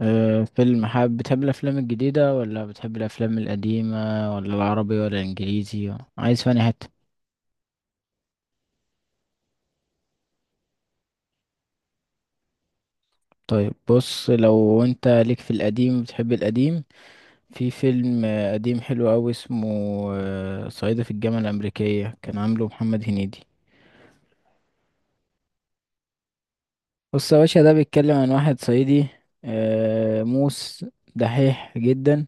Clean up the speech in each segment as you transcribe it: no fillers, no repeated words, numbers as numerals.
فيلم، بتحب الأفلام الجديدة ولا بتحب الأفلام القديمة؟ ولا العربي ولا الإنجليزي؟ عايز فاني حتة؟ طيب بص، لو أنت ليك في القديم بتحب القديم. في فيلم قديم حلو أوي، اسمه صعيدي في الجامعة الأمريكية، كان عامله محمد هنيدي. بص يا باشا، ده بيتكلم عن واحد صعيدي، موس، دحيح جدا،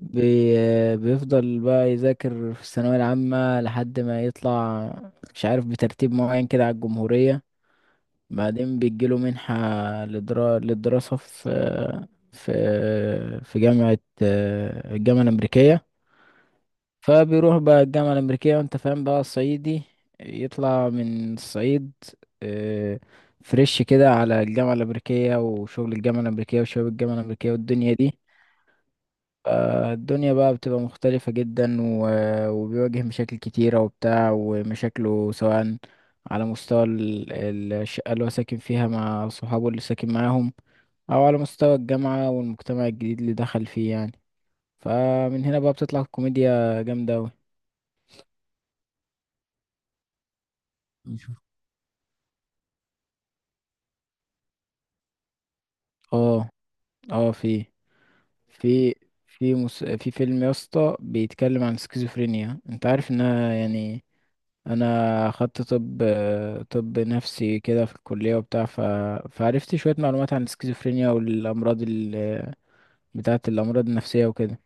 بي بيفضل بقى يذاكر في الثانوية العامة لحد ما يطلع، مش عارف بترتيب معين كده على الجمهورية. بعدين بيجيله منحة للدراسة في في جامعة، الجامعة الأمريكية. فبيروح بقى الجامعة الأمريكية، وأنت فاهم بقى الصعيدي يطلع من الصعيد آه، فريش كده على الجامعة الأمريكية، وشغل الجامعة الأمريكية، وشباب الجامعة الأمريكية، والدنيا دي. الدنيا بقى بتبقى مختلفة جدا، وبيواجه مشاكل كتيرة وبتاع، ومشاكله سواء على مستوى الشقة اللي هو ساكن فيها مع صحابه اللي ساكن معاهم، أو على مستوى الجامعة والمجتمع الجديد اللي دخل فيه يعني. فمن هنا بقى بتطلع كوميديا جامدة أوي. نشوف. اه، اه، في في في فيلم يا اسطى بيتكلم عن سكيزوفرينيا، انت عارف انها يعني. انا اخدت طب، طب نفسي كده في الكليه وبتاع، فعرفت شويه معلومات عن السكيزوفرينيا والامراض بتاعه، الامراض النفسيه وكده.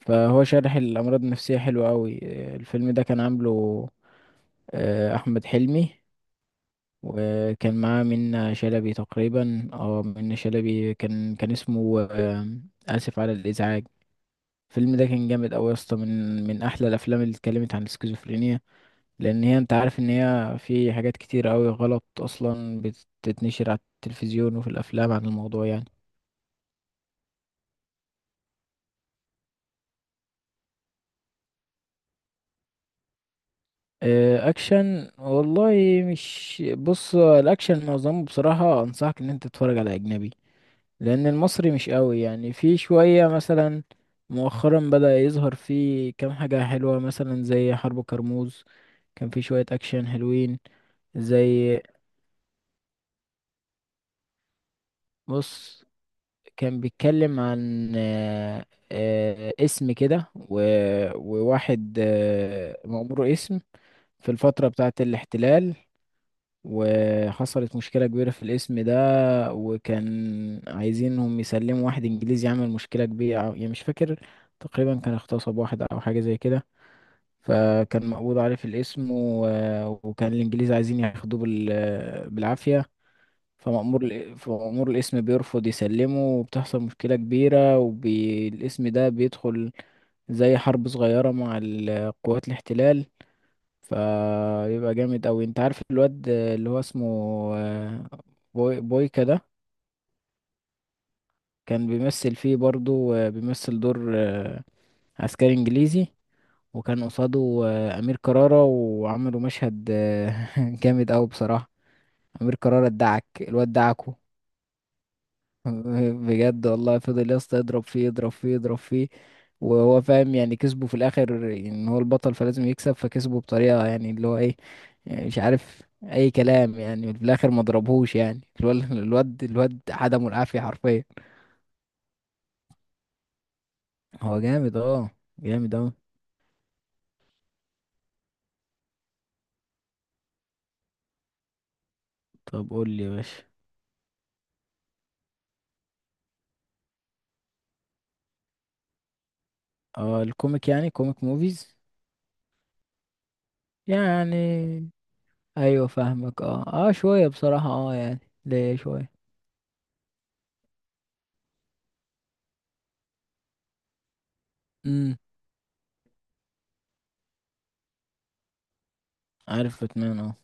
فهو شارح الامراض النفسيه حلو قوي. الفيلم ده كان عامله احمد حلمي، وكان معاه منة شلبي تقريبا، اه، منة شلبي، كان اسمه اسف على الازعاج. الفيلم ده كان جامد قوي يا اسطى، من احلى الافلام اللي اتكلمت عن السكيزوفرينيا، لان هي انت عارف ان هي في حاجات كتير قوي غلط اصلا بتتنشر على التلفزيون وفي الافلام عن الموضوع يعني. اكشن والله، مش، بص، الاكشن معظمه بصراحة انصحك ان انت تتفرج على اجنبي، لان المصري مش قوي يعني، في شوية مثلا مؤخرا بدأ يظهر فيه كام حاجة حلوة، مثلا زي حرب كرموز، كان في شوية اكشن حلوين. زي، بص، كان بيتكلم عن اسم كده، وواحد مأمور اسم في الفترة بتاعة الاحتلال. وحصلت مشكلة كبيرة في الاسم ده، وكان عايزينهم يسلموا واحد إنجليزي عمل مشكلة كبيرة، يعني مش فاكر، تقريبا كان اغتصب واحد أو حاجة زي كده. فكان مقبوض عليه في الاسم، وكان الإنجليز عايزين ياخدوه بالعافية. فمأمور القسم بيرفض يسلمه، وبتحصل مشكلة كبيرة، والقسم ده بيدخل زي حرب صغيرة مع قوات الاحتلال. فبيبقى جامد أوي. انت عارف الواد اللي هو اسمه آه، بويكا ده، كان بيمثل فيه برضو، بيمثل دور عسكري إنجليزي، وكان قصاده أمير كرارة، وعملوا مشهد جامد أوي بصراحة. أمير كرارة ادعك الواد دعكه. بجد والله، فضل يا اسطى يضرب فيه يضرب فيه يضرب فيه، وهو فاهم يعني كسبه في الاخر، ان هو البطل فلازم يكسب، فكسبه بطريقه يعني اللي هو ايه، يعني مش عارف اي كلام يعني، في الاخر ما ضربهوش يعني. الواد، عدمه العافيه حرفيا. هو جامد، اه، جامد اوي. طب قول لي يا باشا. اه، الكوميك يعني، كوميك موفيز يعني، ايوه فاهمك، اه، اه، شويه بصراحه، اه يعني ليه شويه. امم. عارف باتمان، اه.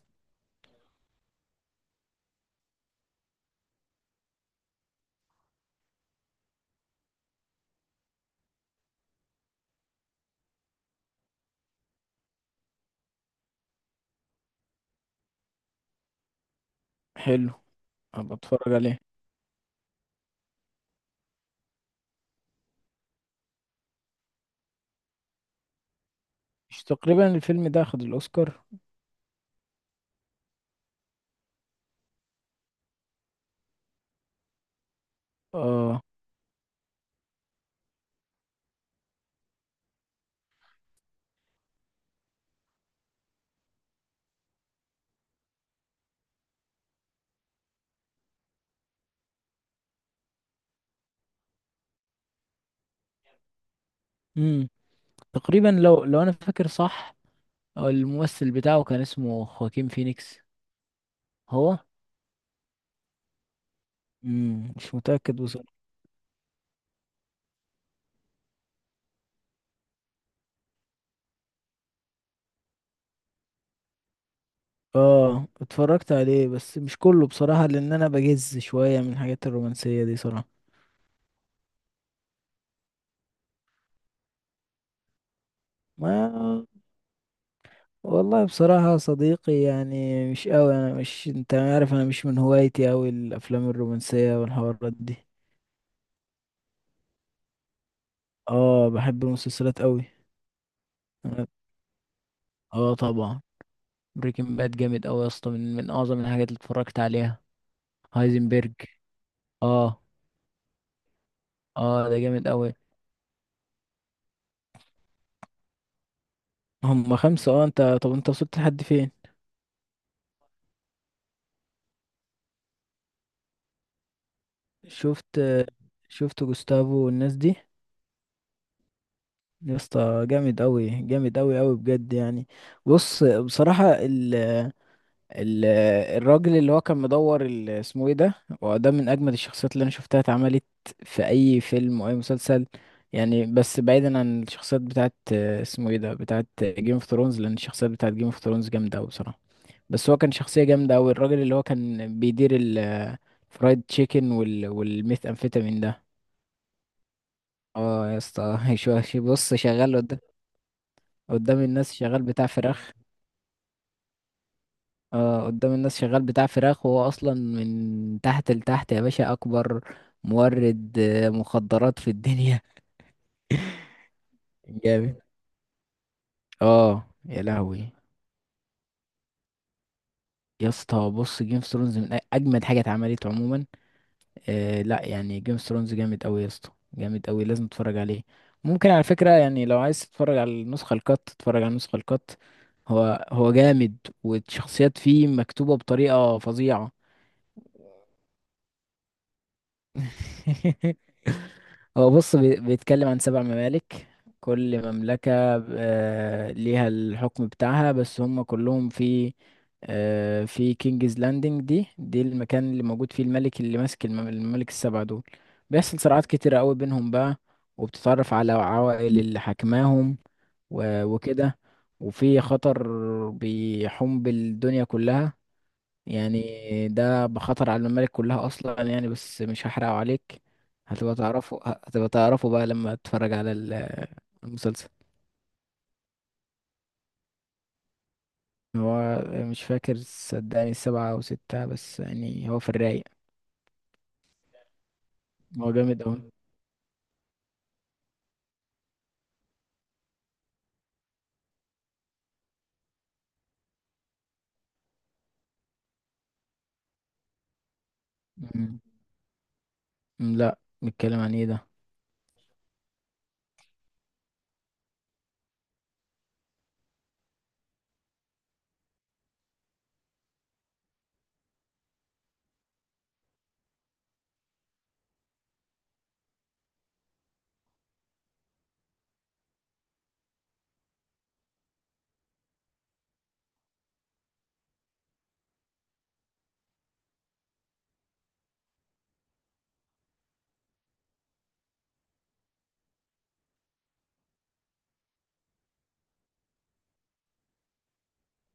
حلو، ابقى اتفرج عليه. مش تقريبا الفيلم ده اخد الاوسكار؟ اه. امم، تقريبا، لو انا فاكر صح، الممثل بتاعه كان اسمه خواكين فينيكس. هو، امم، مش متأكد بصراحة. اه اتفرجت عليه بس مش كله بصراحة، لان انا بجز شوية من الحاجات الرومانسية دي صراحة. ما والله بصراحة يا صديقي، يعني مش قوي، انا مش، انت عارف، انا مش من هوايتي قوي الافلام الرومانسية والحوارات دي. اه، بحب المسلسلات قوي. اه، طبعا. بريكنج باد جامد قوي يا اسطى، من اعظم الحاجات اللي اتفرجت عليها. هايزنبرج، اه. اه، ده جامد قوي. هم خمسة، اه. انت طب انت وصلت لحد فين؟ شفت، شفت جوستافو والناس دي؟ يا اسطى جامد قوي، جامد قوي قوي بجد يعني. بص بصراحة، ال- الراجل اللي هو كان مدور، اسمه ايه ده، وده من اجمد الشخصيات اللي انا شفتها اتعملت في اي فيلم واي مسلسل يعني. بس بعيدا عن الشخصيات بتاعت اسمه ايه ده، بتاعت جيم اوف ثرونز، لان الشخصيات بتاعت جيم اوف ثرونز جامده قوي بصراحه. بس هو كان شخصيه جامده قوي، الراجل اللي هو كان بيدير الفرايد تشيكن وال، والميث امفيتامين ده. اه يا اسطى، بص، شغال قدام، قدام الناس شغال بتاع فراخ. اه قدام الناس شغال بتاع فراخ، وهو اصلا من تحت لتحت يا باشا اكبر مورد مخدرات في الدنيا. جامد، اه يا لهوي. يا اسطى بص، جيم اوف ثرونز من اجمد حاجه اتعملت عموما. آه لا يعني، جيم اوف ثرونز جامد قوي يا اسطى، جامد قوي، لازم تتفرج عليه. ممكن على فكره يعني لو عايز تتفرج على النسخه الكات، تتفرج على النسخه الكات. هو جامد، والشخصيات فيه مكتوبه بطريقه فظيعه. هو بص بيتكلم عن 7 ممالك، كل مملكة ليها الحكم بتاعها، بس هم كلهم في في كينجز لاندنج، دي المكان اللي موجود فيه الملك اللي ماسك الممالك الـ7 دول. بيحصل صراعات كتيرة قوي بينهم بقى، وبتتعرف على عوائل اللي حكماهم، وكده. وفي خطر بيحوم بالدنيا كلها يعني، ده بخطر على الممالك كلها اصلا يعني، بس مش هحرقه عليك. هتبقى تعرفه، هتبقى تعرفه بقى لما تتفرج على المسلسل. هو مش فاكر، صدقني 7 او 6، بس يعني هو في الرايق. هو جامد اوي. مم. مم، لا، بيتكلم عن ايه ده؟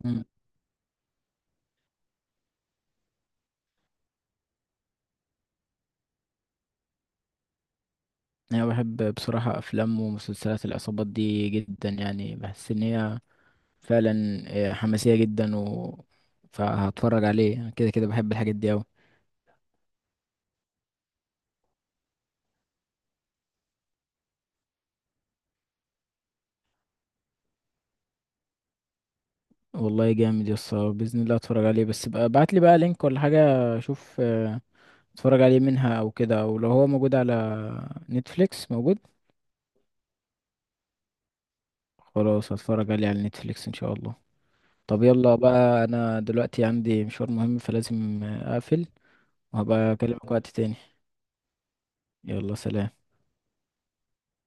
مم. انا بحب بصراحة افلام ومسلسلات العصابات دي جدا يعني، بحس ان هي فعلا حماسية جدا، و فهتفرج عليه. أنا كده كده بحب الحاجات دي أوي. والله جامد يا اسطى، باذن الله اتفرج عليه، بس بقى ابعت لي بقى لينك ولا حاجه اشوف اتفرج عليه منها او كده، او لو هو موجود على نتفليكس. موجود؟ خلاص، هتفرج عليه على نتفليكس ان شاء الله. طب يلا بقى، انا دلوقتي عندي مشوار مهم فلازم اقفل، وهبقى اكلمك وقت تاني. يلا سلام.